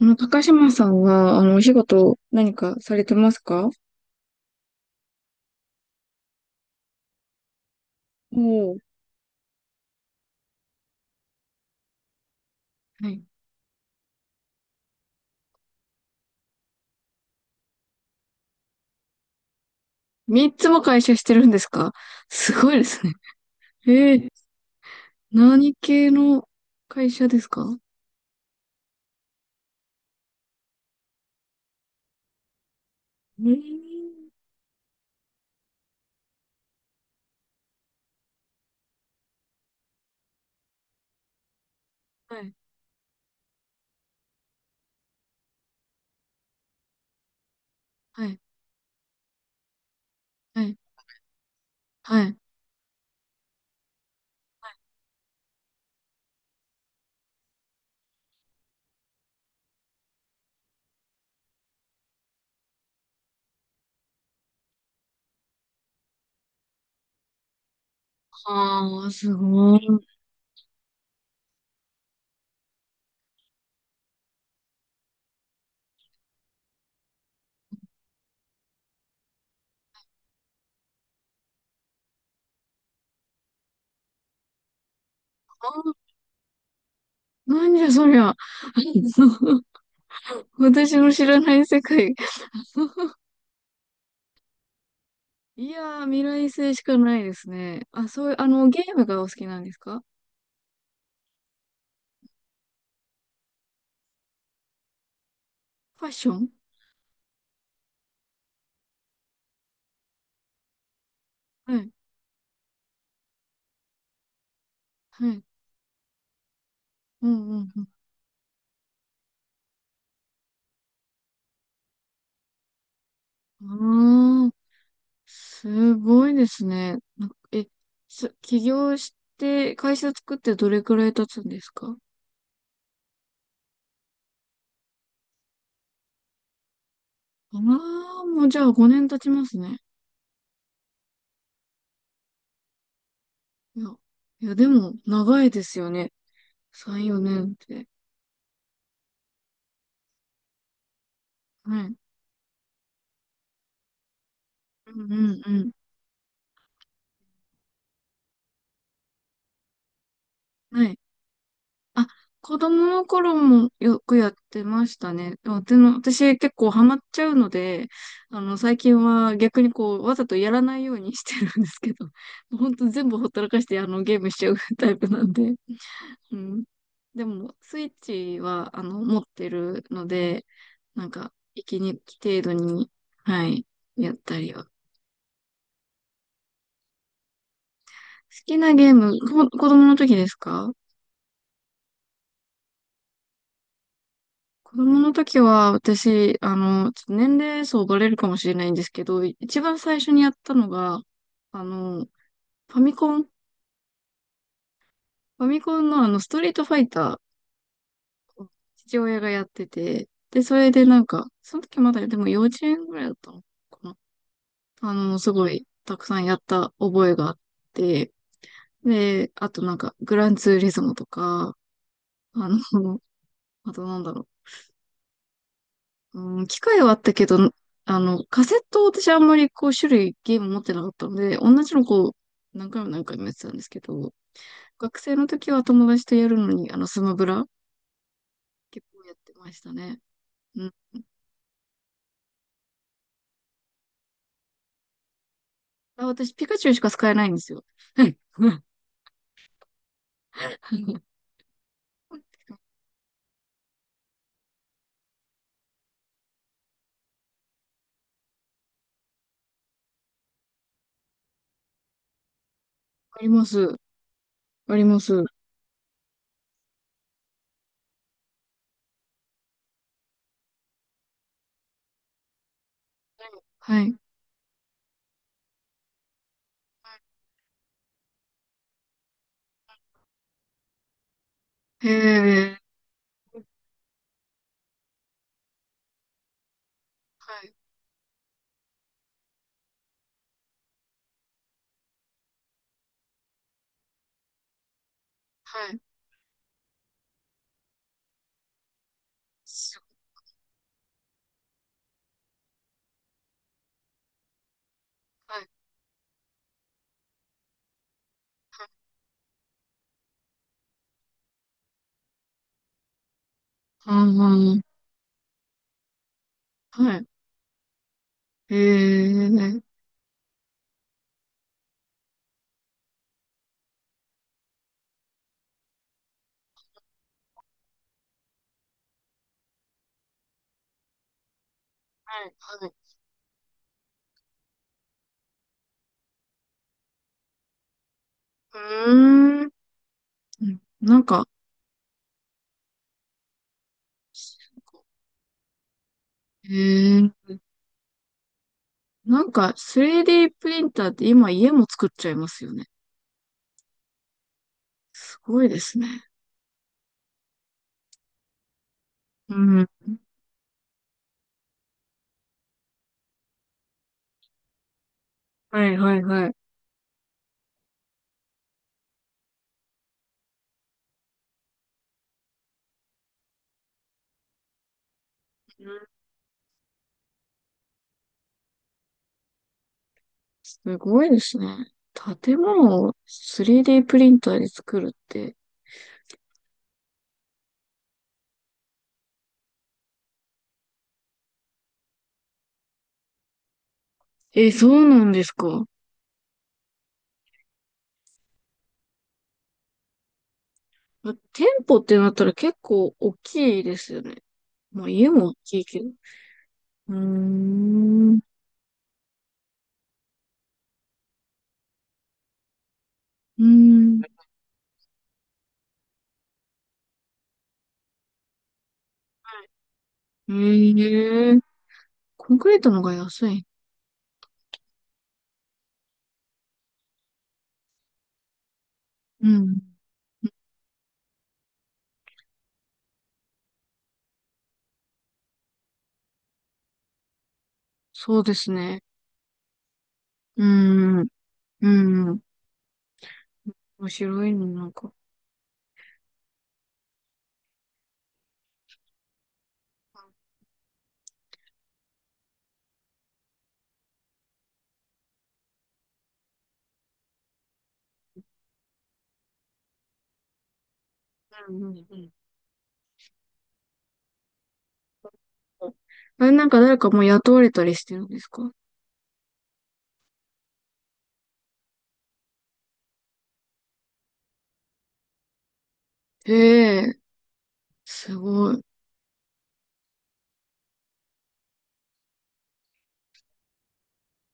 高島さんは、お仕事、何かされてますか？おおー、はい。三つも会社してるんですか？すごいですね。ええ、何系の会社ですか？うーん。はい、はい、はい、はい。ああ、すごい。あ、なんじゃそりゃ。私の知らない世界。いやー、未来性しかないですね。あ、そういう、ゲームがお好きなんですか？ファッション。はい、はい。うん、うん、うん。ああ、すごいですね。なんか起業して、会社作ってどれくらい経つんですか？ああー、もうじゃあ5年経ちますね。いや、いやでも、長いですよね。3、4年って。はい。うんうんうん。はい。あ、子供の頃もよくやってましたね。でも私結構ハマっちゃうので、最近は逆にこう、わざとやらないようにしてるんですけど、本当全部ほったらかして、ゲームしちゃうタイプなんで。うん。でも、スイッチは、持ってるので、なんか、息抜き程度に、はい、やったりは。好きなゲーム、子供の時ですか？子供の時は、私、ちょっと年齢層バレるかもしれないんですけど、一番最初にやったのが、あの、ファミコンのストリートファイターを父親がやってて、で、それでなんか、その時まだ、でも幼稚園ぐらいだったのか、すごい、たくさんやった覚えがあって、で、あとなんか、グランツーリズムとか、あの、あとなんだろう、うん、機械はあったけど、カセットを私あんまりこう、種類、ゲーム持ってなかったので、同じのこう、何回も何回もやってたんですけど、学生の時は友達とやるのに、スマブラ、結構やってましたね。うん。あ、私、ピカチュウしか使えないんですよ。はい。うん あります。あります。はい。はい。へえ。はい、はい、すごい、はい、ああ、はい、ええ、はい、はい、うーん、なんか、ええ、なんか 3D プリンターって今家も作っちゃいますよね。すごいですね。うん、はい、はい、はい。うん。すごいですね。建物を 3D プリンターで作るって。え、そうなんですか？店舗ってなったら結構大きいですよね。まあ家も大きいけど。うーん。うーん。ええ、コンクリートのが安い。うん。そうですね。うーん。うん。面白いの、なんか。うん、うん、うん。あれ、なんか誰かもう雇われたりしてるんですか？ええ、すごい。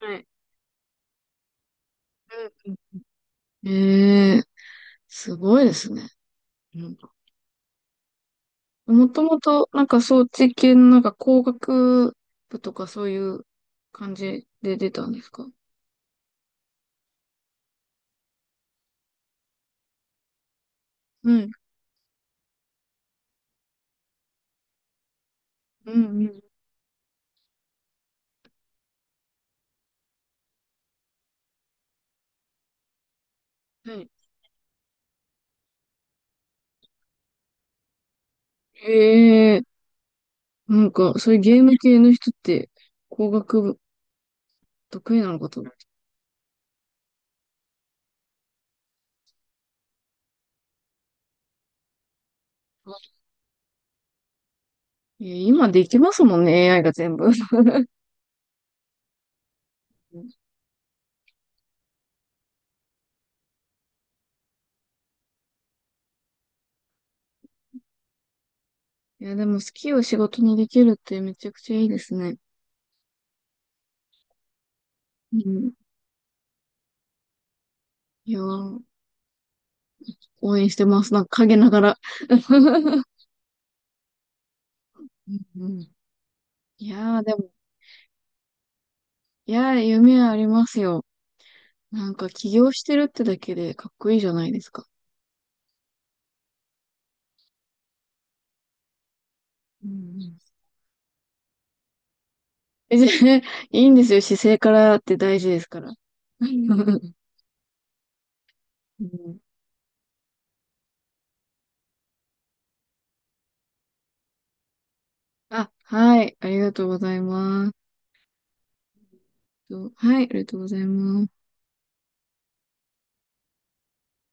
はい。うん、うん。ええ、すごいですね。うん。もともと、なんか装置系のなんか工学部とかそういう感じで出たんですか？うん、うん、うん。はい。ええ、なんか、そういうゲーム系の人って、工学部得意なのかと思って。いや、今できますもんね、AI が全部。いや、でも好きを仕事にできるってめちゃくちゃいいですね。うん。いやー、応援してます。なんか陰ながら。うんうん。いやー、でも、いやー、夢はありますよ。なんか起業してるってだけでかっこいいじゃないですか。うんうん。え、じゃあいいんですよ。姿勢からって大事ですから。うん。あ、はい。ありがとうございます。とはい。ありがとうございます。